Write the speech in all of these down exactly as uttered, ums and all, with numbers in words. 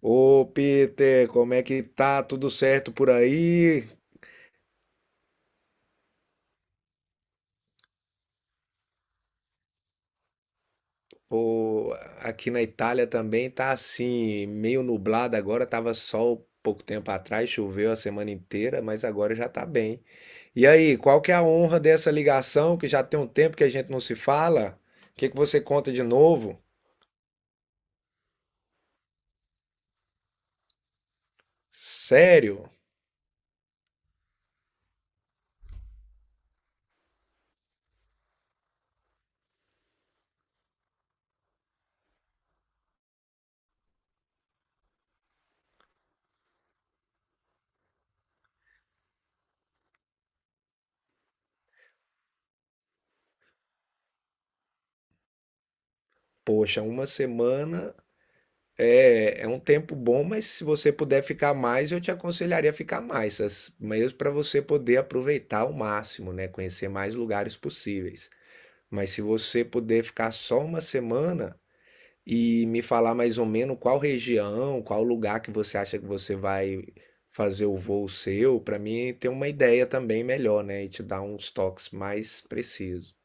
Ô Peter, como é que tá? Tudo certo por aí? Pô, aqui na Itália também tá assim, meio nublado agora, tava sol pouco tempo atrás, choveu a semana inteira, mas agora já tá bem. E aí, qual que é a honra dessa ligação que já tem um tempo que a gente não se fala? O que que você conta de novo? Sério? Poxa, uma semana. É, é um tempo bom, mas se você puder ficar mais, eu te aconselharia a ficar mais, as- mesmo para você poder aproveitar ao máximo, né? Conhecer mais lugares possíveis. Mas se você puder ficar só uma semana e me falar mais ou menos qual região, qual lugar que você acha que você vai fazer o voo seu, para mim ter uma ideia também melhor, né? E te dar uns toques mais precisos.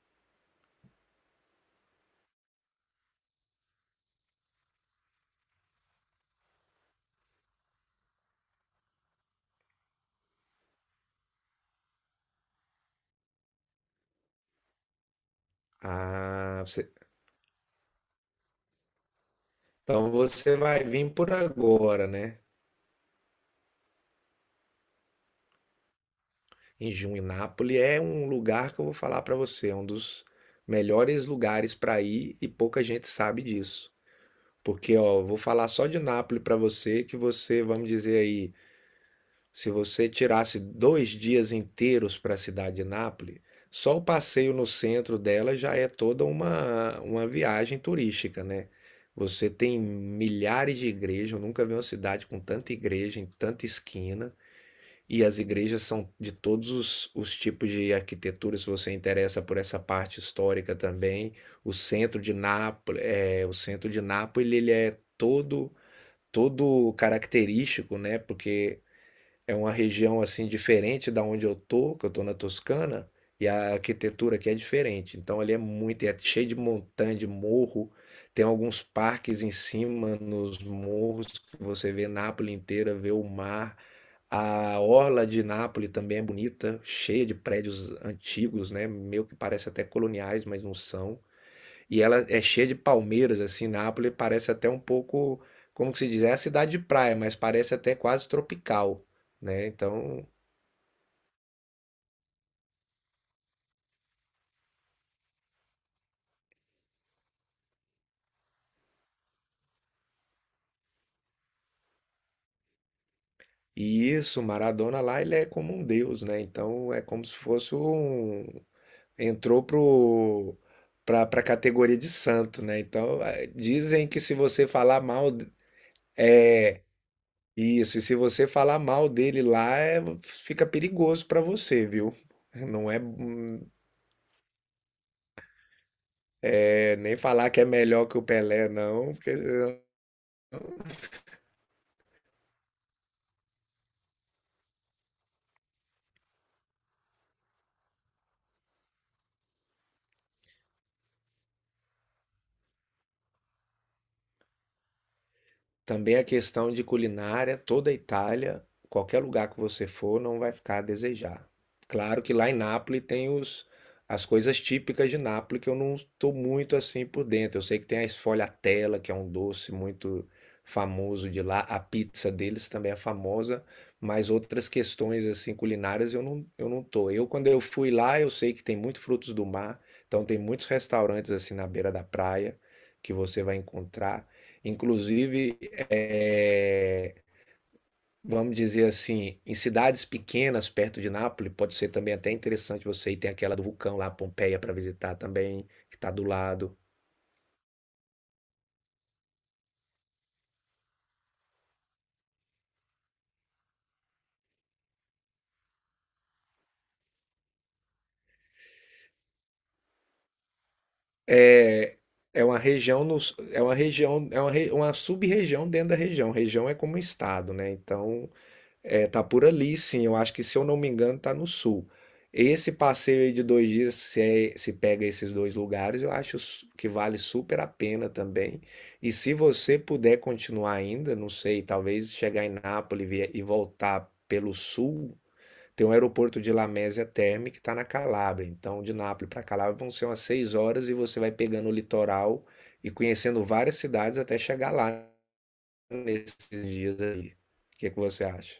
Ah, você- então você vai vir por agora, né? Em Juinápolis é um lugar que eu vou falar para você, é um dos melhores lugares para ir e pouca gente sabe disso. Porque, ó, eu vou falar só de Nápoles para você, que você, vamos dizer aí, se você tirasse dois dias inteiros para a cidade de Nápoles, só o passeio no centro dela já é toda uma, uma viagem turística, né? Você tem milhares de igrejas, eu nunca vi uma cidade com tanta igreja em tanta esquina. E as igrejas são de todos os, os tipos de arquitetura, se você interessa por essa parte histórica também. O centro de Nápoles, é, o centro de Nápoles, ele é todo todo característico, né? Porque é uma região assim diferente da onde eu tô, que eu tô na Toscana, e a arquitetura aqui é diferente. Então ali é muito, é cheio de montanha, de morro. Tem alguns parques em cima nos morros que você vê Nápoles inteira, vê o mar. A orla de Nápoles também é bonita, cheia de prédios antigos, né? Meio que parece até coloniais, mas não são. E ela é cheia de palmeiras, assim, Nápoles parece até um pouco, como que se diz, é a cidade de praia, mas parece até quase tropical, né? Então, e isso, Maradona lá, ele é como um deus, né? Então, é como se fosse um... entrou pro... pra, pra categoria de santo, né? Então, é, dizem que se você falar mal, d- é... Isso, e se você falar mal dele lá, é- fica perigoso pra você, viu? Não é, hum, É, nem falar que é melhor que o Pelé, não, porque também a questão de culinária, toda a Itália, qualquer lugar que você for, não vai ficar a desejar. Claro que lá em Nápoles tem os, as coisas típicas de Nápoles que eu não estou muito assim por dentro. Eu sei que tem a sfogliatella, que é um doce muito famoso de lá. A pizza deles também é famosa, mas outras questões assim culinárias eu não, eu não tô. Eu, quando eu fui lá, eu sei que tem muitos frutos do mar, então tem muitos restaurantes assim na beira da praia que você vai encontrar. Inclusive, é, vamos dizer assim, em cidades pequenas perto de Nápoles, pode ser também até interessante você ir. Tem aquela do vulcão lá, Pompeia, para visitar também, que está do lado. É é uma região, nos, é uma região, é uma, re- uma sub-região dentro da região. Região é como um estado, né? Então, é, tá por ali, sim. Eu acho que, se eu não me engano, tá no sul. Esse passeio aí de dois dias, se, é- se pega esses dois lugares, eu acho su- que vale super a pena também. E se você puder continuar ainda, não sei, talvez chegar em Nápoles e vie- e voltar pelo sul, tem um aeroporto de Lamezia Terme que está na Calábria. Então, de Nápoles para Calábria vão ser umas seis horas e você vai pegando o litoral e conhecendo várias cidades até chegar lá nesses dias aí. O que é que você acha?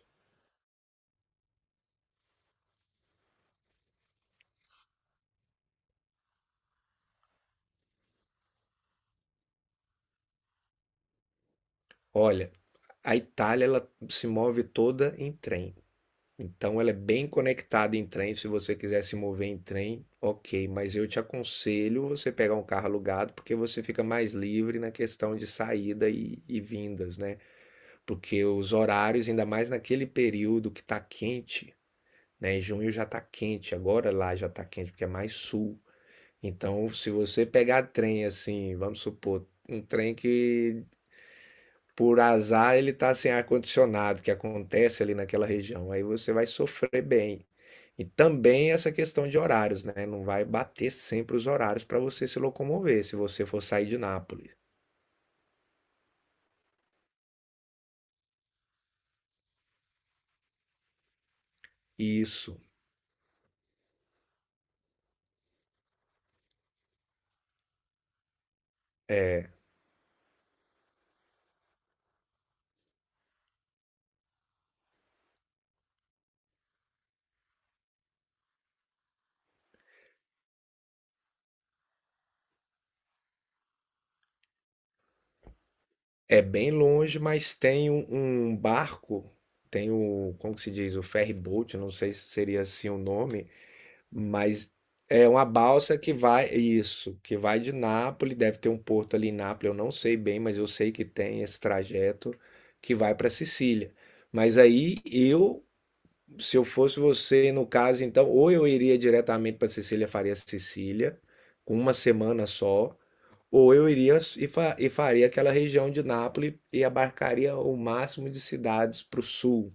Olha. A Itália ela se move toda em trem. Então ela é bem conectada em trem. Se você quiser se mover em trem, ok. Mas eu te aconselho você pegar um carro alugado, porque você fica mais livre na questão de saída e, e vindas, né? Porque os horários, ainda mais naquele período que está quente, né? Junho já está quente, agora lá já está quente, porque é mais sul. Então, se você pegar trem assim, vamos supor, um trem que por azar ele está sem ar-condicionado, que acontece ali naquela região. Aí você vai sofrer bem. E também essa questão de horários, né? Não vai bater sempre os horários para você se locomover, se você for sair de Nápoles. E isso. É, é bem longe, mas tem um, um barco, tem o, como que se diz, o ferry boat, não sei se seria assim o nome, mas é uma balsa que vai, isso, que vai de Nápoles, deve ter um porto ali em Nápoles, eu não sei bem, mas eu sei que tem esse trajeto que vai para Sicília. Mas aí eu, se eu fosse você, no caso, então, ou eu iria diretamente para Sicília, faria Sicília, com uma semana só, ou eu iria e, fa- e faria aquela região de Nápoles e abarcaria o máximo de cidades para o sul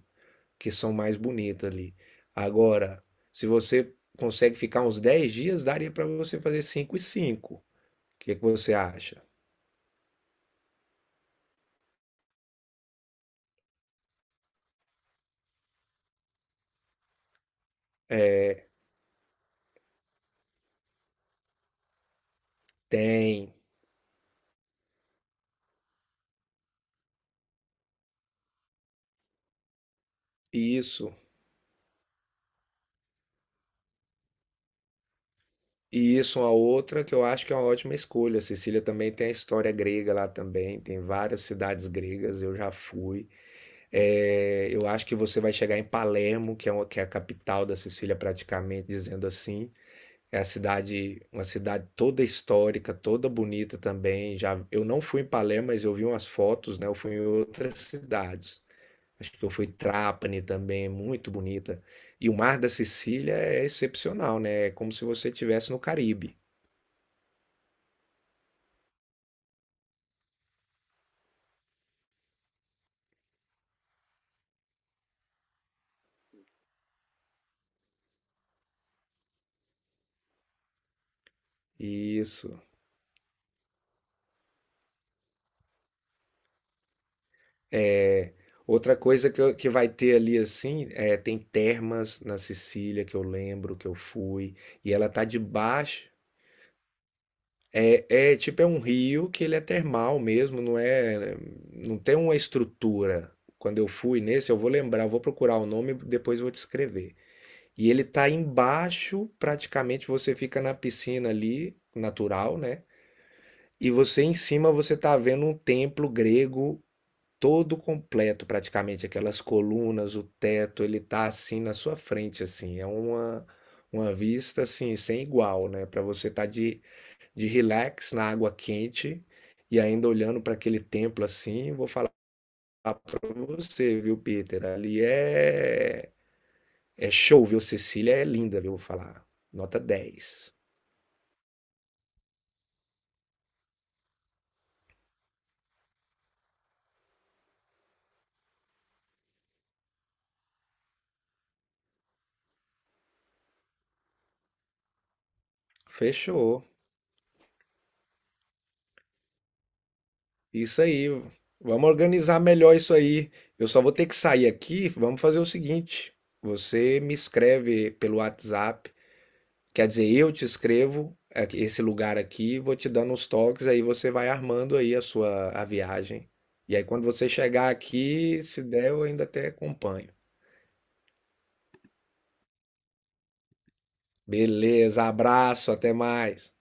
que são mais bonitos ali. Agora, se você consegue ficar uns dez dias, daria para você fazer cinco e cinco. O que que você acha? É, tem isso. E isso é uma outra que eu acho que é uma ótima escolha. Sicília também tem a história grega lá também, tem várias cidades gregas, eu já fui. É, eu acho que você vai chegar em Palermo, que é, uma, que é a capital da Sicília praticamente, dizendo assim. É a cidade, uma cidade toda histórica, toda bonita também. Já eu não fui em Palermo, mas eu vi umas fotos, né? Eu fui em outras cidades. Acho que eu fui em Trapani também, muito bonita. E o mar da Sicília é excepcional, né? É como se você estivesse no Caribe. Isso. É. Outra coisa que, eu- que vai ter ali assim, é, tem termas na Sicília que eu lembro que eu fui, e ela tá debaixo. É é tipo, é um rio que ele é termal mesmo, não é, não tem uma estrutura. Quando eu fui nesse, eu vou lembrar, eu vou procurar o nome e depois eu vou te escrever. E ele tá embaixo, praticamente você fica na piscina ali, natural, né? E você em cima você tá vendo um templo grego todo completo, praticamente aquelas colunas, o teto, ele tá assim na sua frente assim, é uma uma vista assim sem igual, né? Para você tá de de relax na água quente e ainda olhando para aquele templo assim, vou falar para você, viu, Peter? Ali é é show, viu? Cecília é linda, viu? Vou falar. Nota dez. Fechou. Isso aí. Vamos organizar melhor isso aí. Eu só vou ter que sair aqui. Vamos fazer o seguinte. Você me escreve pelo WhatsApp. Quer dizer, eu te escrevo é, esse lugar aqui, vou te dando os toques, aí você vai armando aí a sua a viagem. E aí quando você chegar aqui, se der, eu ainda até acompanho. Beleza, abraço, até mais.